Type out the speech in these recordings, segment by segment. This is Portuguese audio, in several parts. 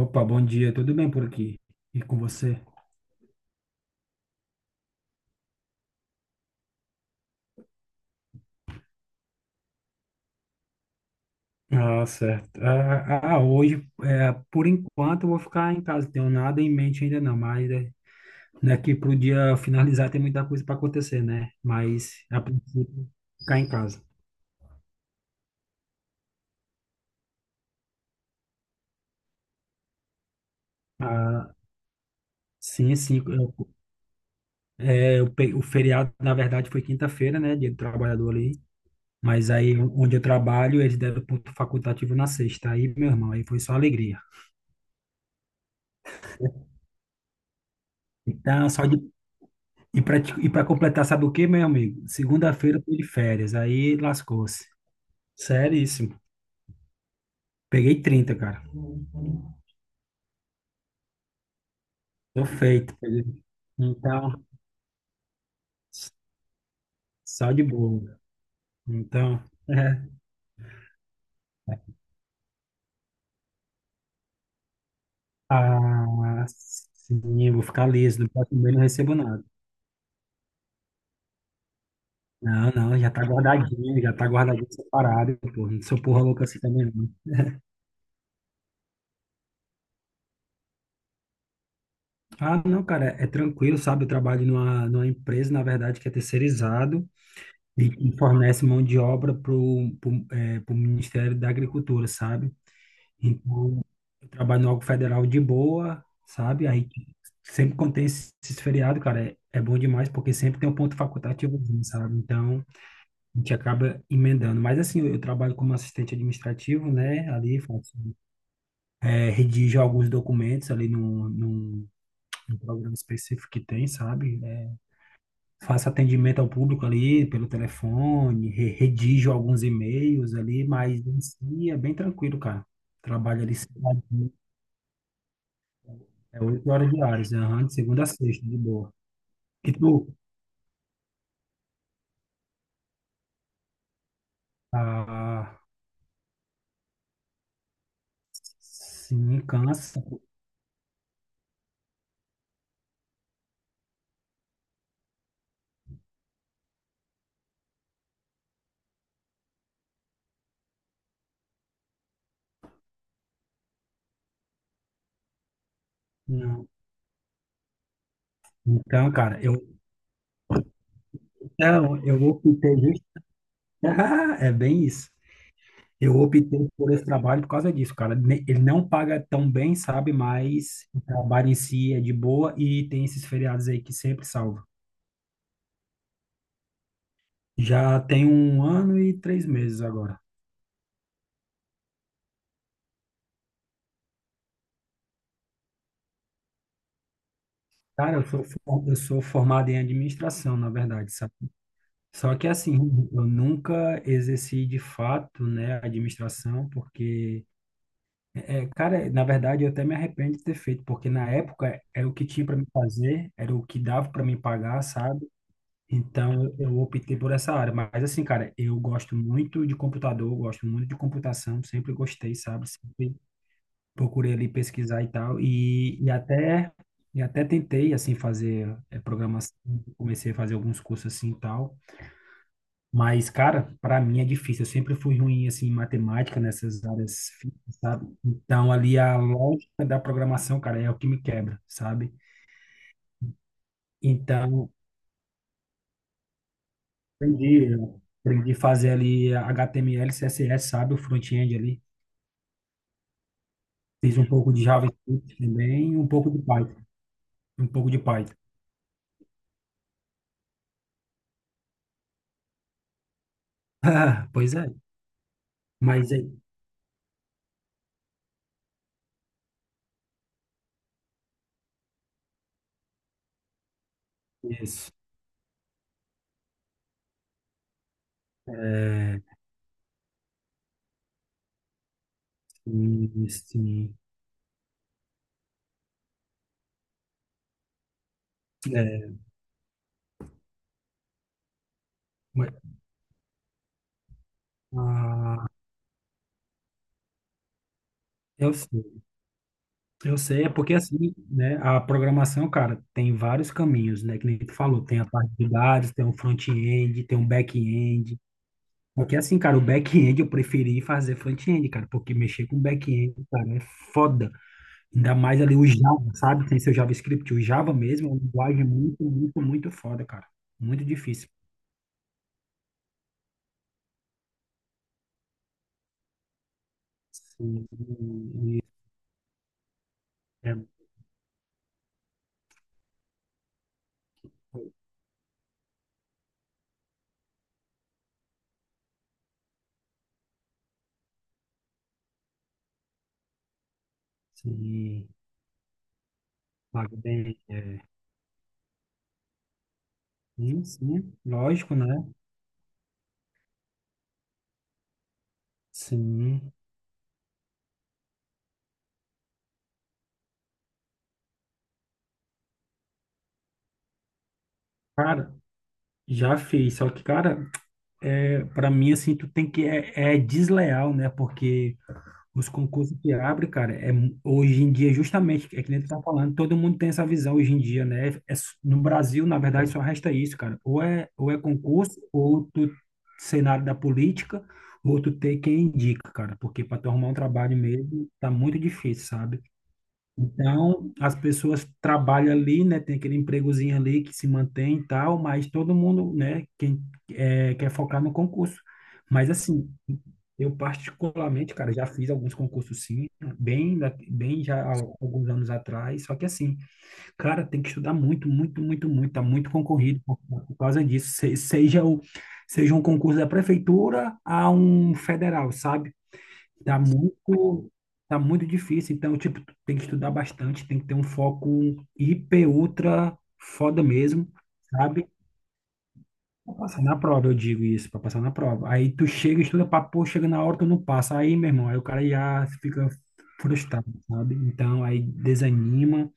Opa, bom dia, tudo bem por aqui? E com você? Ah, certo. Hoje, por enquanto, eu vou ficar em casa, tenho nada em mente ainda não, mas daqui pro dia finalizar tem muita coisa para acontecer, né? Mas, a princípio, ficar em casa. Ah, sim, sim, o feriado, na verdade, foi quinta-feira, né, dia do trabalhador ali, mas aí, onde eu trabalho, eles deram ponto facultativo na sexta, aí, meu irmão, aí foi só alegria. Então, só de E para e para completar, sabe o que, meu amigo? Segunda-feira eu tô de férias, aí lascou-se. Seríssimo. Peguei 30, cara. Tô feito, peguei. Então, só de boa. Então, Ah, sim, eu vou ficar liso, não posso comer, não recebo nada. Não, não, já tá guardadinho separado, pô. Não sou porra louca assim também, não. Ah, não, cara, é tranquilo, sabe? Eu trabalho numa empresa, na verdade, que é terceirizado. E que fornece mão de obra para o Ministério da Agricultura, sabe? Então, eu trabalho no órgão federal de boa, sabe? Aí sempre quando tem esses feriados, cara, é bom demais, porque sempre tem um ponto facultativo, sabe? Então, a gente acaba emendando. Mas assim, eu trabalho como assistente administrativo, né? Ali faço, redijo alguns documentos ali num programa específico que tem, sabe? É, faço atendimento ao público ali pelo telefone, redijo alguns e-mails ali, mas em si é bem tranquilo, cara. Trabalho ali cedinho, é 8 horas diárias, aham, de segunda a sexta, de boa. E tu? Ah, sim, cansa. Não. Então, cara, eu optei É bem isso. Eu optei por esse trabalho por causa disso, cara. Ele não paga tão bem, sabe? Mas o trabalho em si é de boa e tem esses feriados aí que sempre salva. Já tem um ano e 3 meses agora. Cara, eu sou formado em administração, na verdade, sabe? Só que assim, eu nunca exerci de fato, né, a administração, porque, cara, na verdade eu até me arrependo de ter feito, porque na época era o que tinha para me fazer, era o que dava para me pagar, sabe? Então eu optei por essa área. Mas assim, cara, eu gosto muito de computador, eu gosto muito de computação, sempre gostei, sabe? Procurei ali pesquisar e tal, e até tentei assim fazer programação, comecei a fazer alguns cursos assim e tal, mas cara, para mim é difícil. Eu sempre fui ruim assim em matemática nessas áreas, sabe? Então ali a lógica da programação, cara, é o que me quebra, sabe? Então eu aprendi a fazer ali HTML, CSS, sabe? O front-end ali. Fiz um pouco de JavaScript também, um pouco de Python. Pois é, mas é isso. É, sim, sim. É, mas, ah, eu sei, eu sei, é porque assim, né, a programação, cara, tem vários caminhos, né, que nem tu falou, tem a parte de dados, tem o front-end, tem o back-end, porque assim, cara, o back-end eu preferi fazer front-end, cara, porque mexer com back-end, cara, é foda, ainda mais ali o Java, sabe, tem seu JavaScript, o Java mesmo é uma linguagem muito, muito, muito foda, cara, muito difícil. Sim, e- é, sim. Paga bem, é. Sim, sim, lógico, né? Sim. Cara, já fiz, só que, cara, para mim, assim, tu tem que, é desleal, né? Porque os concursos que abrem, cara, hoje em dia, justamente, é que nem tu tá falando, todo mundo tem essa visão hoje em dia, né? No Brasil, na verdade, só resta isso, cara. Ou é concurso, ou tu cenário da política, ou tu ter quem indica, cara. Porque para tu arrumar um trabalho mesmo, tá muito difícil, sabe? Então, as pessoas trabalham ali, né? Tem aquele empregozinho ali que se mantém e tal, mas todo mundo, né? Quem quer focar no concurso. Mas assim, eu particularmente, cara, já fiz alguns concursos sim, bem já há alguns anos atrás. Só que assim, cara, tem que estudar muito, muito, muito, muito. Tá muito concorrido por causa disso. Seja um concurso da prefeitura a um federal, sabe? Tá muito, tá muito difícil. Então, tipo, tu tem que estudar bastante, tem que ter um foco hiper, ultra foda mesmo, sabe? Pra passar na prova, eu digo isso, pra passar na prova. Aí tu chega, estuda pra pô, chega na hora, tu não passa. Aí, meu irmão, aí o cara já fica frustrado, sabe? Então, aí desanima,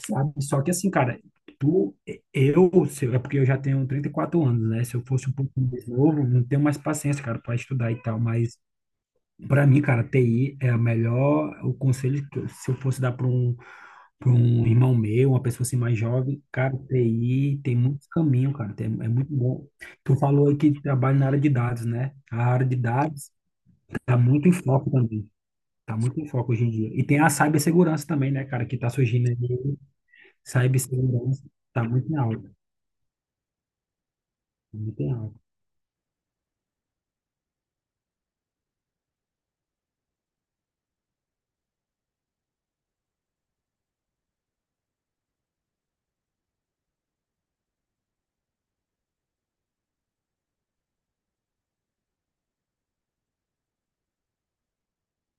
sabe? Só que assim, cara, tu, eu, se- é porque eu já tenho 34 anos, né? Se eu fosse um pouco mais novo, não tenho mais paciência, cara, pra estudar e tal, mas. Para mim, cara, TI é a melhor. O conselho que se eu fosse dar para um, irmão meu, uma pessoa assim mais jovem, cara, TI tem muito caminho, cara, tem, é muito bom. Tu falou aí que trabalha na área de dados, né? A área de dados tá muito em foco também. Tá muito em foco hoje em dia. E tem a cibersegurança também, né, cara, que tá surgindo aí. Cibersegurança tá muito em alta, tá muito em alta.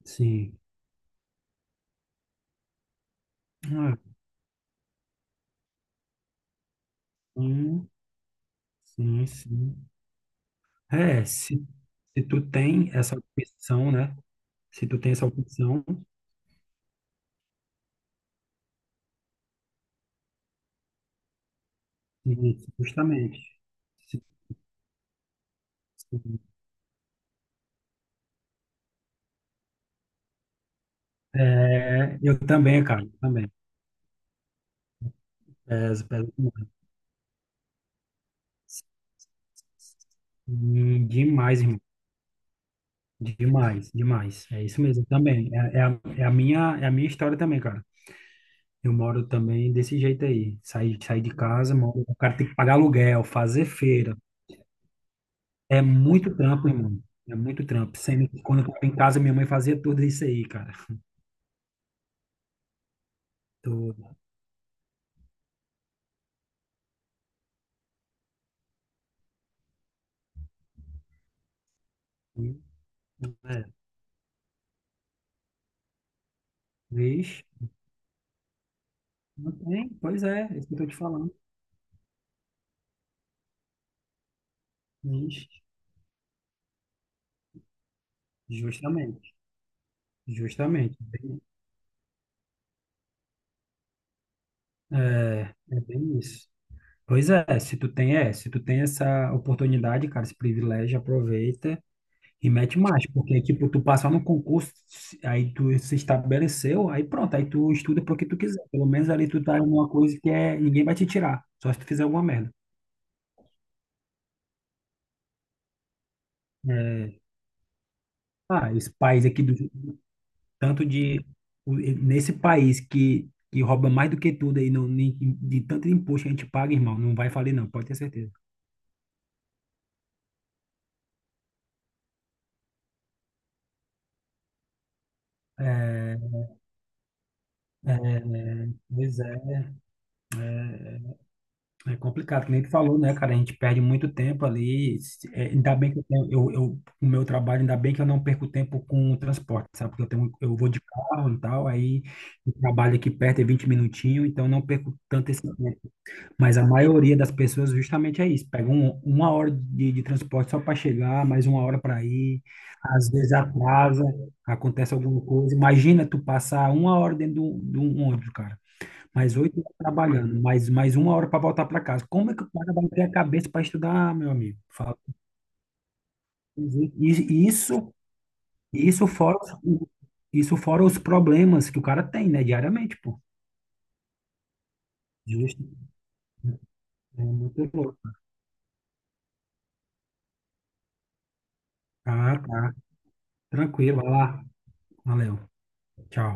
Sim. Ah, sim, sim, sim. É, se tu tem essa opção, né? Se tu tem essa opção, isso, justamente. Se- se- É, eu também, cara, também. Peso, peso demais. Sim, demais, irmão. Demais, demais. É isso mesmo, também. É a minha história também, cara. Eu moro também desse jeito aí. Saí de casa, moro, o cara tem que pagar aluguel, fazer feira. É muito trampo, irmão. É muito trampo. Sendo que quando eu tava em casa, minha mãe fazia tudo isso aí, cara. Tudo. É, vixe. Não tem? Pois é, é isso que eu estou te falando. Ixi. Justamente, justamente. É bem isso. Pois é, se tu tem essa oportunidade, cara, esse privilégio, aproveita e mete mais, porque, tipo, tu passar no concurso, aí tu se estabeleceu, aí pronto, aí tu estuda pro que tu quiser. Pelo menos ali tu tá em uma coisa que é, ninguém vai te tirar, só se tu fizer alguma merda. É, ah, esse país aqui do tanto de o- nesse país que rouba mais do que tudo aí no, ni- de tanto imposto que a gente paga, irmão, não vai falir não, pode ter certeza. É, é, pois é, é complicado, que nem tu falou, né, cara? A gente perde muito tempo ali. Ainda bem que eu, tenho- eu- o meu trabalho, ainda bem que eu não perco tempo com o transporte, sabe? Porque eu vou de carro e tal, aí o trabalho aqui perto é 20 minutinhos, então eu não perco tanto esse tempo. Mas a maioria das pessoas justamente é isso, pega uma hora de transporte só para chegar, mais uma hora para ir, às vezes atrasa, acontece alguma coisa. Imagina tu passar uma hora dentro de um ônibus, cara, mais 8 horas trabalhando, mais uma hora para voltar para casa. Como é que o cara vai ter a cabeça para estudar, meu amigo? Fala. E Isso, isso fora, os- isso fora os problemas que o cara tem, né, diariamente, pô. Justo. É muito louco. Ah, tá. Tranquilo, vai lá. Valeu. Tchau.